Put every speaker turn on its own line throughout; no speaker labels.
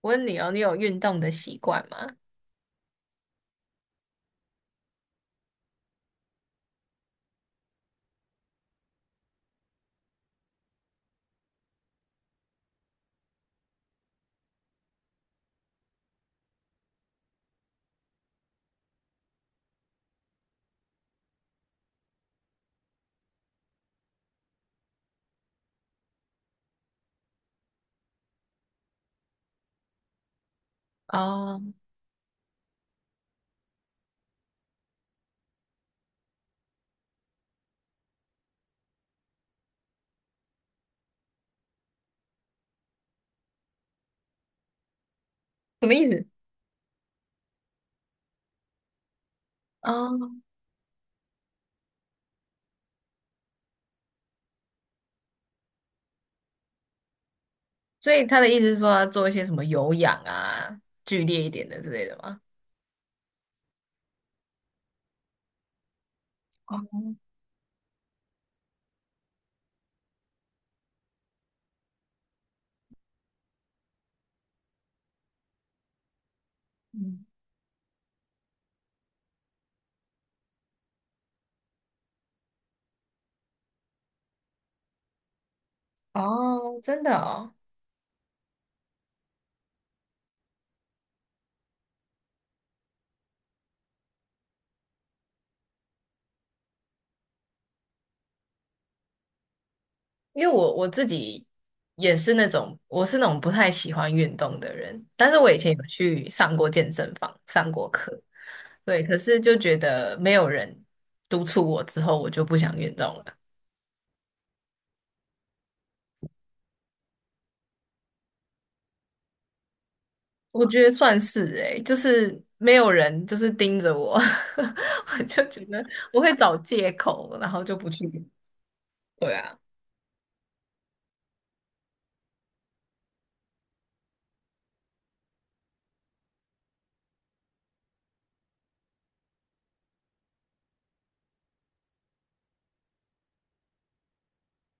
我问你哦，你有运动的习惯吗？哦，什么意思？哦，所以他的意思是说要做一些什么有氧啊，剧烈一点的之类的吗？哦，嗯，哦，真的哦，因为我自己也是那种，我是那种不太喜欢运动的人，但是我以前有去上过健身房，上过课，对，可是就觉得没有人督促我之后，我就不想运动了。我觉得算是诶、就是没有人就是盯着我，我就觉得我会找借口，然后就不去。对啊，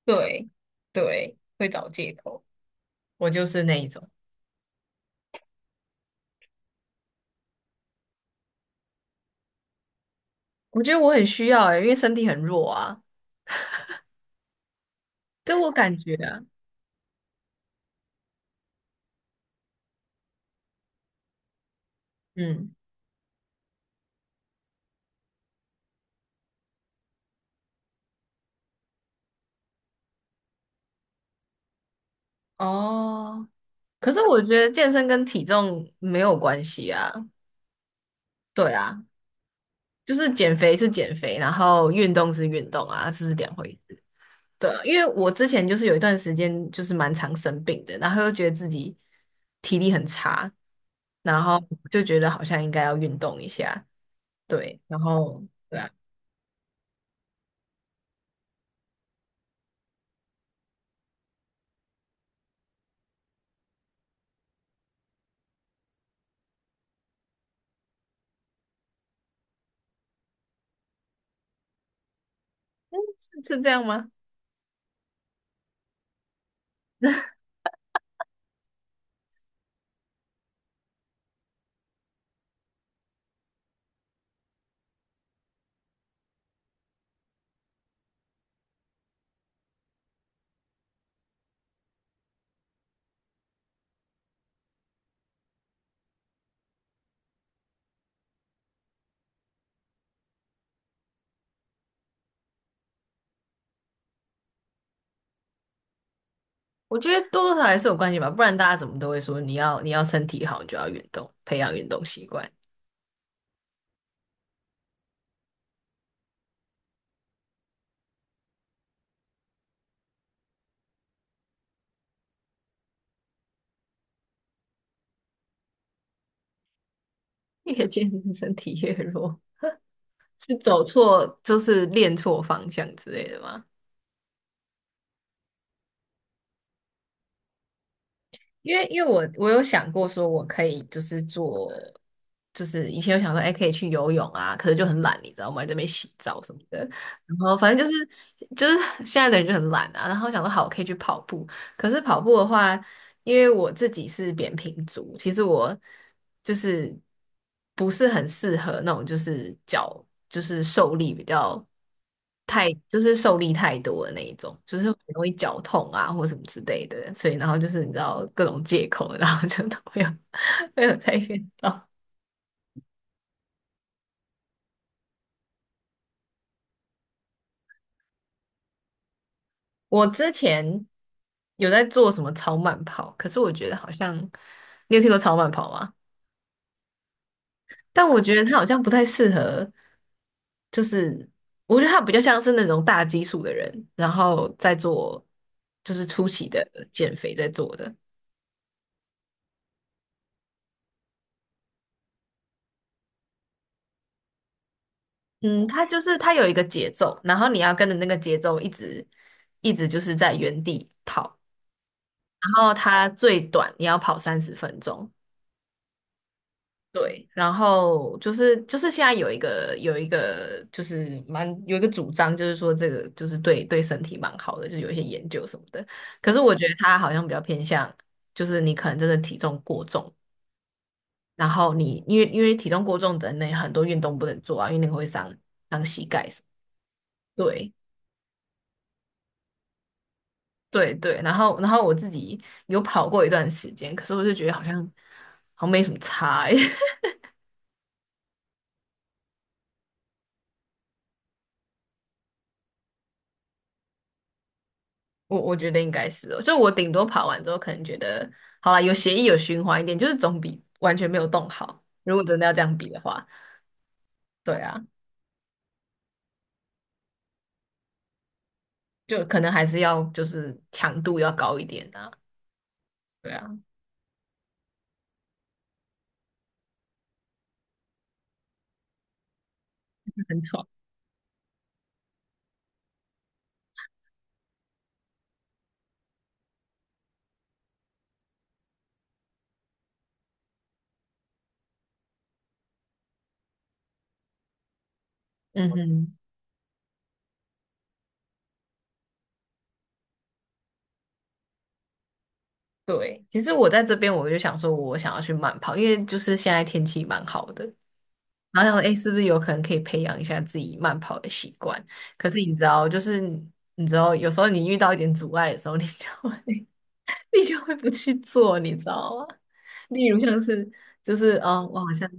对对，会找借口。我就是那一种，我觉得我很需要诶、因为身体很弱啊，对我感觉啊，嗯，哦，可是我觉得健身跟体重没有关系啊。对啊，就是减肥是减肥，然后运动是运动啊，这是两回事。对啊因为我之前就是有一段时间就是蛮常生病的，然后又觉得自己体力很差，然后就觉得好像应该要运动一下，对，然后对啊，嗯是这样吗？我觉得多多少少还是有关系吧，不然大家怎么都会说你要身体好，你就要运动，培养运动习惯，越健身身体越弱，是走错就是练错方向之类的吗？因为我有想过说，我可以就是做，就是以前有想说，哎、可以去游泳啊，可是就很懒，你知道吗？在那边洗澡什么的，然后反正就是现在的人就很懒啊，然后想说好，我可以去跑步，可是跑步的话。因为我自己是扁平足，其实我就是不是很适合那种就是脚就是受力比较太就是受力太多的那一种，就是很容易脚痛啊或什么之类的，所以然后就是你知道各种借口，然后就都没有 没有再运动。我之前有在做什么超慢跑，可是我觉得好像你有听过超慢跑吗？但我觉得他好像不太适合，就是我觉得他比较像是那种大基数的人，然后再做就是初期的减肥在做的。嗯，他就是他有一个节奏，然后你要跟着那个节奏一直就是在原地跑，然后他最短你要跑30分钟，对，然后就是现在有一个就是蛮有一个主张，就是说这个就是对身体蛮好的，就是有一些研究什么的。可是我觉得它好像比较偏向，就是你可能真的体重过重，然后你因为体重过重的那很多运动不能做啊，因为那个会伤。对对对，然后我自己有跑过一段时间，可是我就觉得好像好像没什么差欸，我觉得应该是哦，就我顶多跑完之后，可能觉得好啦，有协议有循环一点，就是总比完全没有动好。如果真的要这样比的话，对啊，就可能还是要就是强度要高一点啊，对啊，很吵。嗯嗯，对。其实我在这边我就想说，我想要去慢跑，因为就是现在天气蛮好的，然后想说，哎，是不是有可能可以培养一下自己慢跑的习惯？可是你知道，就是你知道，有时候你遇到一点阻碍的时候，你就会 你就会不去做，你知道吗？例如像是就是哦，我好像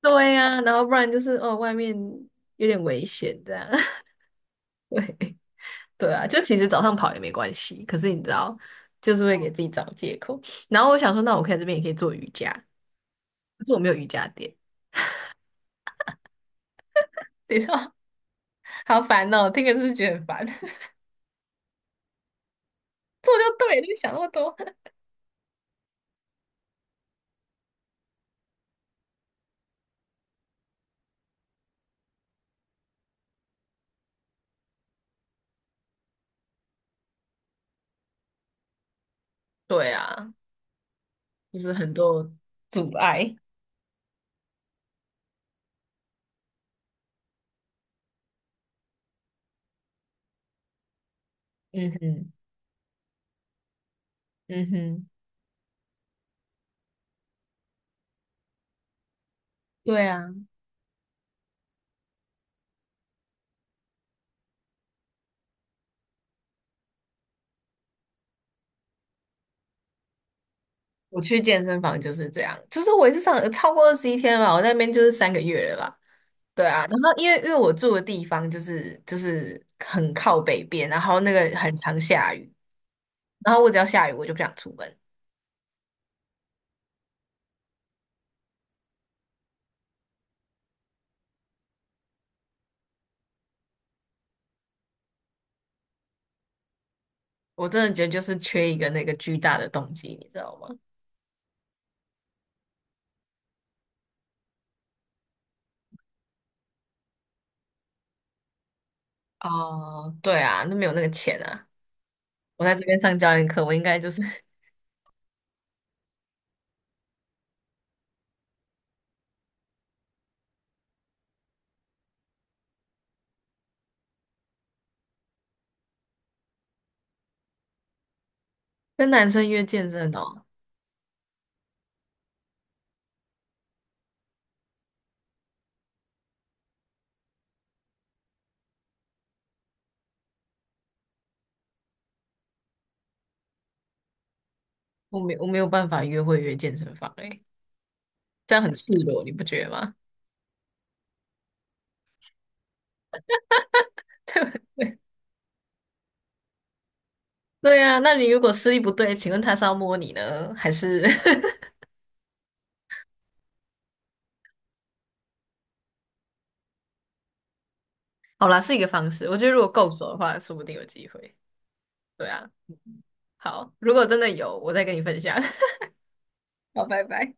对呀、然后不然就是哦，外面有点危险这样，对啊，就其实早上跑也没关系，可是你知道，就是会给自己找借口。然后我想说，那我可以在这边也可以做瑜伽，可是我没有瑜伽垫，你知道，好烦哦，听着是不是觉得很烦？做就对了，就想那么多。对啊，就是很多阻碍。嗯哼，嗯哼，对啊。我去健身房就是这样，就是我也是上超过21天吧，我那边就是3个月了吧，对啊，然后因为我住的地方就是很靠北边，然后那个很常下雨，然后我只要下雨我就不想出门，我真的觉得就是缺一个那个巨大的动机，你知道吗？哦，对啊，那没有那个钱啊，我在这边上教练课，我应该就是 跟男生约健身哦，我没有办法约会约健身房诶、这样很赤裸，你不觉得吗？对呀，那你如果视力不对，请问他是要摸你呢，还是？好啦，是一个方式。我觉得如果够熟的话，说不定有机会。对啊，好，如果真的有，我再跟你分享。好，拜拜。